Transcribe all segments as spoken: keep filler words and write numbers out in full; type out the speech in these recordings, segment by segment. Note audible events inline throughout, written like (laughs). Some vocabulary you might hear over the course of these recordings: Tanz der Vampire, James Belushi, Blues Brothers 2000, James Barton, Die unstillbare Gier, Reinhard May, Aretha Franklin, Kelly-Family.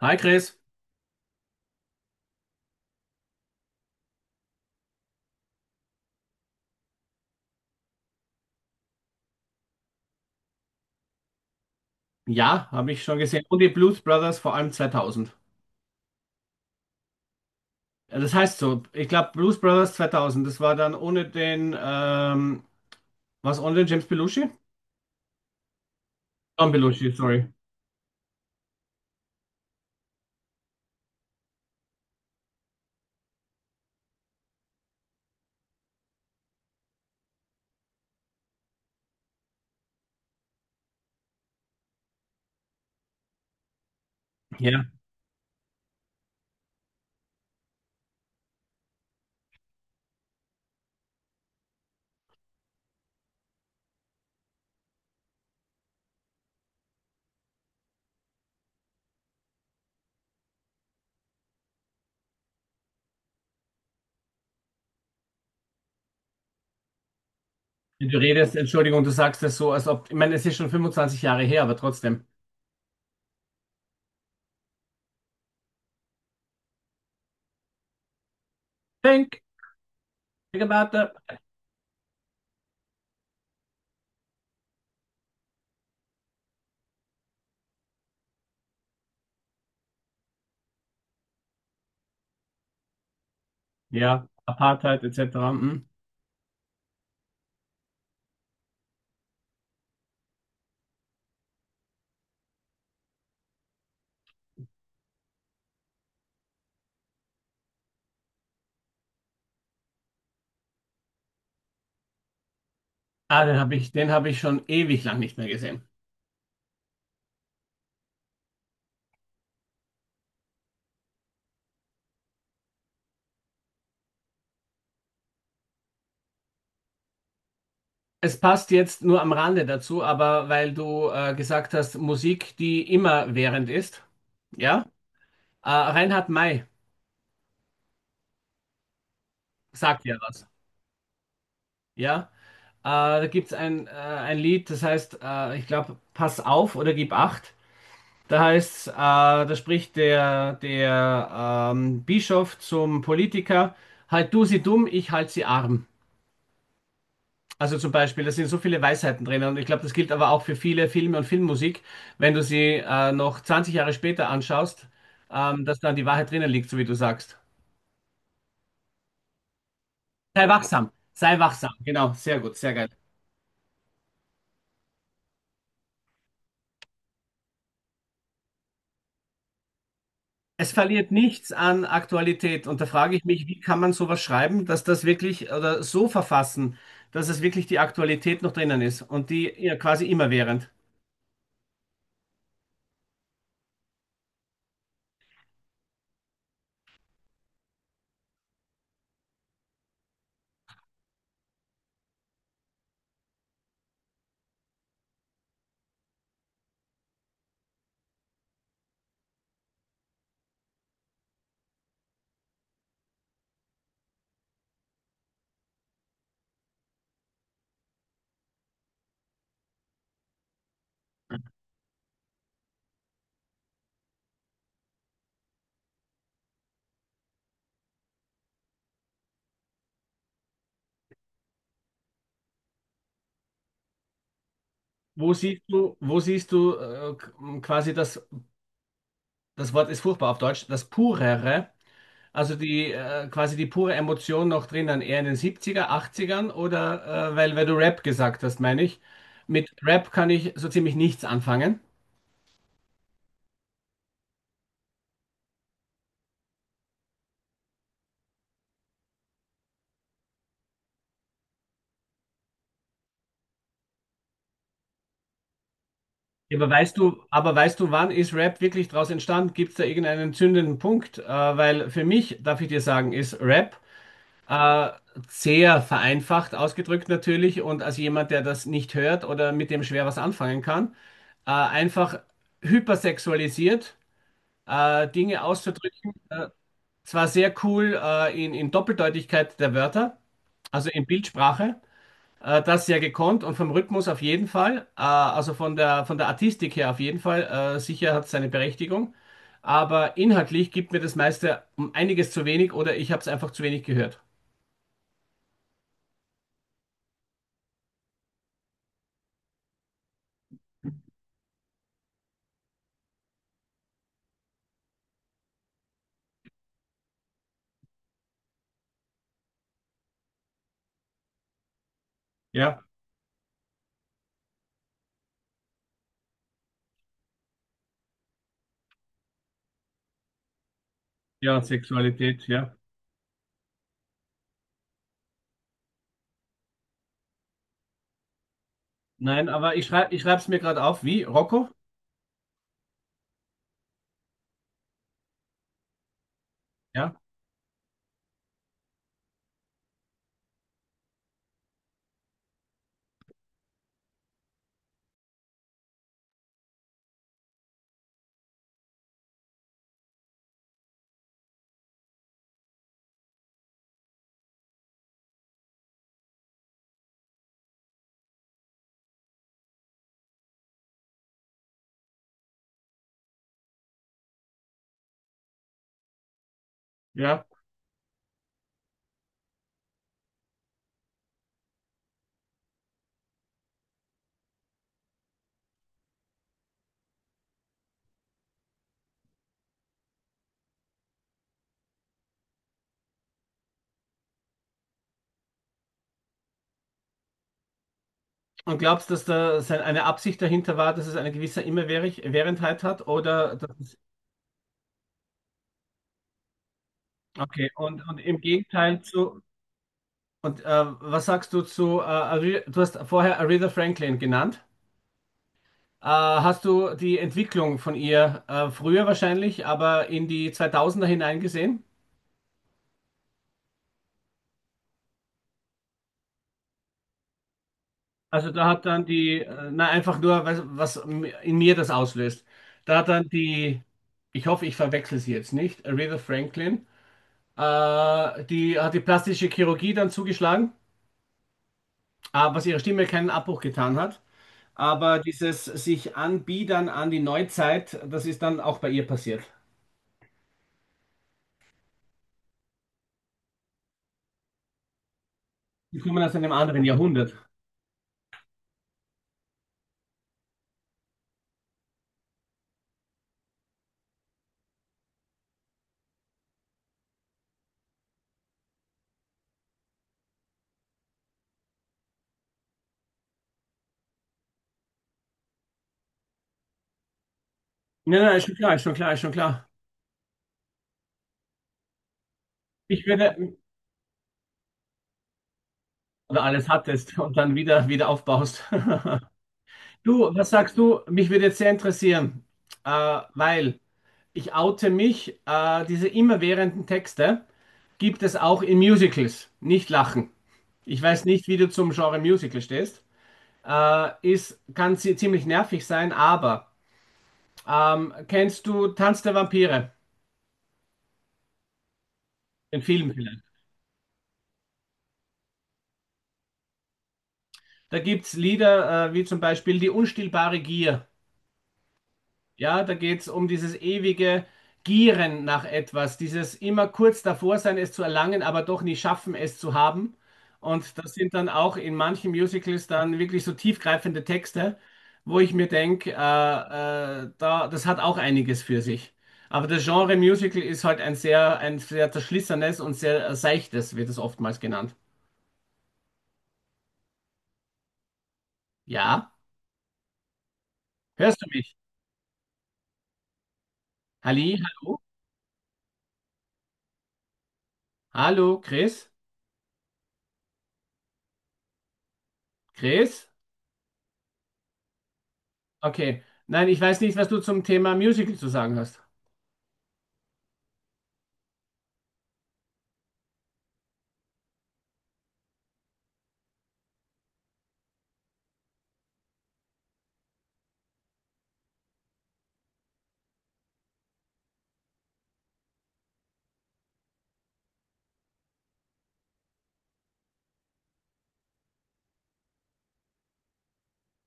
Hi Chris. Ja, habe ich schon gesehen. Und die Blues Brothers vor allem zweitausend. Ja, das heißt so, ich glaube Blues Brothers zweitausend, das war dann ohne den, ähm, was ohne den James Belushi? Tom Belushi, sorry. Ja. Wenn du redest, Entschuldigung, du sagst das so, als ob, ich meine, es ist schon fünfundzwanzig Jahre her, aber trotzdem. Think, think about that. Ja, Apartheid et cetera. Mhm. Ah, den habe ich, den habe ich schon ewig lang nicht mehr gesehen. Es passt jetzt nur am Rande dazu, aber weil du äh, gesagt hast, Musik, die immerwährend ist, ja? Äh, Reinhard May sagt ja was. Ja. Äh, da gibt es ein, äh, ein Lied, das heißt, äh, ich glaube, Pass auf oder gib acht. Da heißt, äh, da spricht der, der ähm, Bischof zum Politiker, halt du sie dumm, ich halt sie arm. Also zum Beispiel, da sind so viele Weisheiten drin und ich glaube, das gilt aber auch für viele Filme und Filmmusik, wenn du sie äh, noch zwanzig Jahre später anschaust, ähm, dass dann die Wahrheit drinnen liegt, so wie du sagst. Sei wachsam, sei wachsam. Genau, sehr gut, sehr geil. Es verliert nichts an Aktualität. Und da frage ich mich, wie kann man sowas schreiben, dass das wirklich oder so verfassen, dass es wirklich die Aktualität noch drinnen ist und die ja quasi immerwährend. Wo siehst du, wo siehst du äh, k- quasi das, das Wort ist furchtbar auf Deutsch, das Purere, also die äh, quasi die pure Emotion noch drinnen, eher in den siebziger, achtzigern oder äh, weil, weil du Rap gesagt hast, meine ich. Mit Rap kann ich so ziemlich nichts anfangen. Ja, aber weißt du, aber weißt du, wann ist Rap wirklich daraus entstanden? Gibt es da irgendeinen zündenden Punkt? Äh, weil für mich, darf ich dir sagen, ist Rap äh, sehr vereinfacht ausgedrückt natürlich und als jemand, der das nicht hört oder mit dem schwer was anfangen kann, äh, einfach hypersexualisiert, äh, Dinge auszudrücken. Äh, zwar sehr cool äh, in, in Doppeldeutigkeit der Wörter, also in Bildsprache. Äh, das sehr gekonnt und vom Rhythmus auf jeden Fall, äh, also von der, von der Artistik her auf jeden Fall, äh, sicher hat es seine Berechtigung, aber inhaltlich gibt mir das meiste um einiges zu wenig oder ich habe es einfach zu wenig gehört. Ja, ja, Sexualität, ja. Nein, aber ich schreibe, ich schreibe es mir gerade auf, wie Rocco, ja. Ja, und glaubst du, dass da sein- eine Absicht dahinter war, dass es eine gewisse Immerwährendheit hat oder dass es, okay, und, und im Gegenteil zu, und äh, was sagst du zu, äh, Ari- du hast vorher Aretha Franklin genannt? Äh, hast du die Entwicklung von ihr äh, früher wahrscheinlich, aber in die zweitausender hinein. Also da hat dann die, äh, na einfach nur, was, was in mir das auslöst. Da hat dann die, ich hoffe, ich verwechsel sie jetzt nicht, Aretha Franklin, äh, die hat die plastische Chirurgie dann zugeschlagen, äh, was ihrer Stimme keinen Abbruch getan hat. Aber dieses sich anbiedern an die Neuzeit, das ist dann auch bei ihr passiert. Die kommen aus einem anderen Jahrhundert. Nein, nein, ist schon klar, ist schon klar, ist schon klar. Ich würde, oder alles hattest und dann wieder, wieder aufbaust. (laughs) Du, was sagst du? Mich würde jetzt sehr interessieren, äh, weil ich oute mich, äh, diese immerwährenden Texte gibt es auch in Musicals. Nicht lachen. Ich weiß nicht, wie du zum Genre Musical stehst. Äh, ist, kann sie ziemlich nervig sein, aber ähm, kennst du Tanz der Vampire? Den Film vielleicht. Da gibt es Lieder äh, wie zum Beispiel Die unstillbare Gier. Ja, da geht es um dieses ewige Gieren nach etwas, dieses immer kurz davor sein, es zu erlangen, aber doch nie schaffen, es zu haben. Und das sind dann auch in manchen Musicals dann wirklich so tiefgreifende Texte, wo ich mir denke, äh, äh, da, das hat auch einiges für sich. Aber das Genre Musical ist halt ein sehr, ein sehr zerschlissenes und sehr seichtes, wird es oftmals genannt. Ja, hörst du mich? Halli, hallo, hallo, Chris, Chris? Okay. Nein, ich weiß nicht, was du zum Thema Musical zu sagen hast.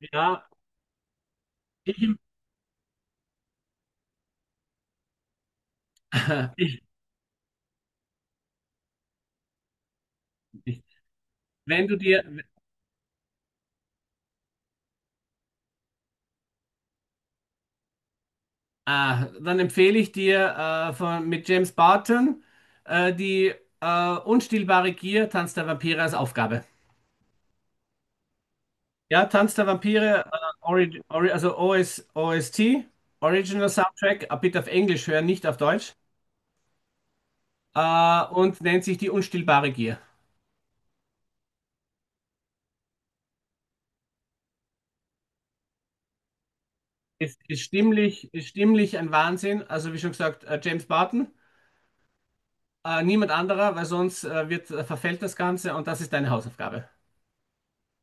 Ja, ich, (laughs) ich, wenn du dir, ah, dann empfehle ich dir äh, von, mit James Barton äh, die äh, unstillbare Gier, Tanz der Vampire als Aufgabe. Ja, Tanz der Vampire, äh, Ori, Ori, also O S, O S T, Original Soundtrack, äh, bitte auf Englisch hören, nicht auf Deutsch, äh, und nennt sich die unstillbare Gier. Ist, ist stimmlich, ist stimmlich ein Wahnsinn. Also wie schon gesagt, äh, James Barton. Äh, niemand anderer, weil sonst äh, wird, äh, verfällt das Ganze und das ist deine Hausaufgabe.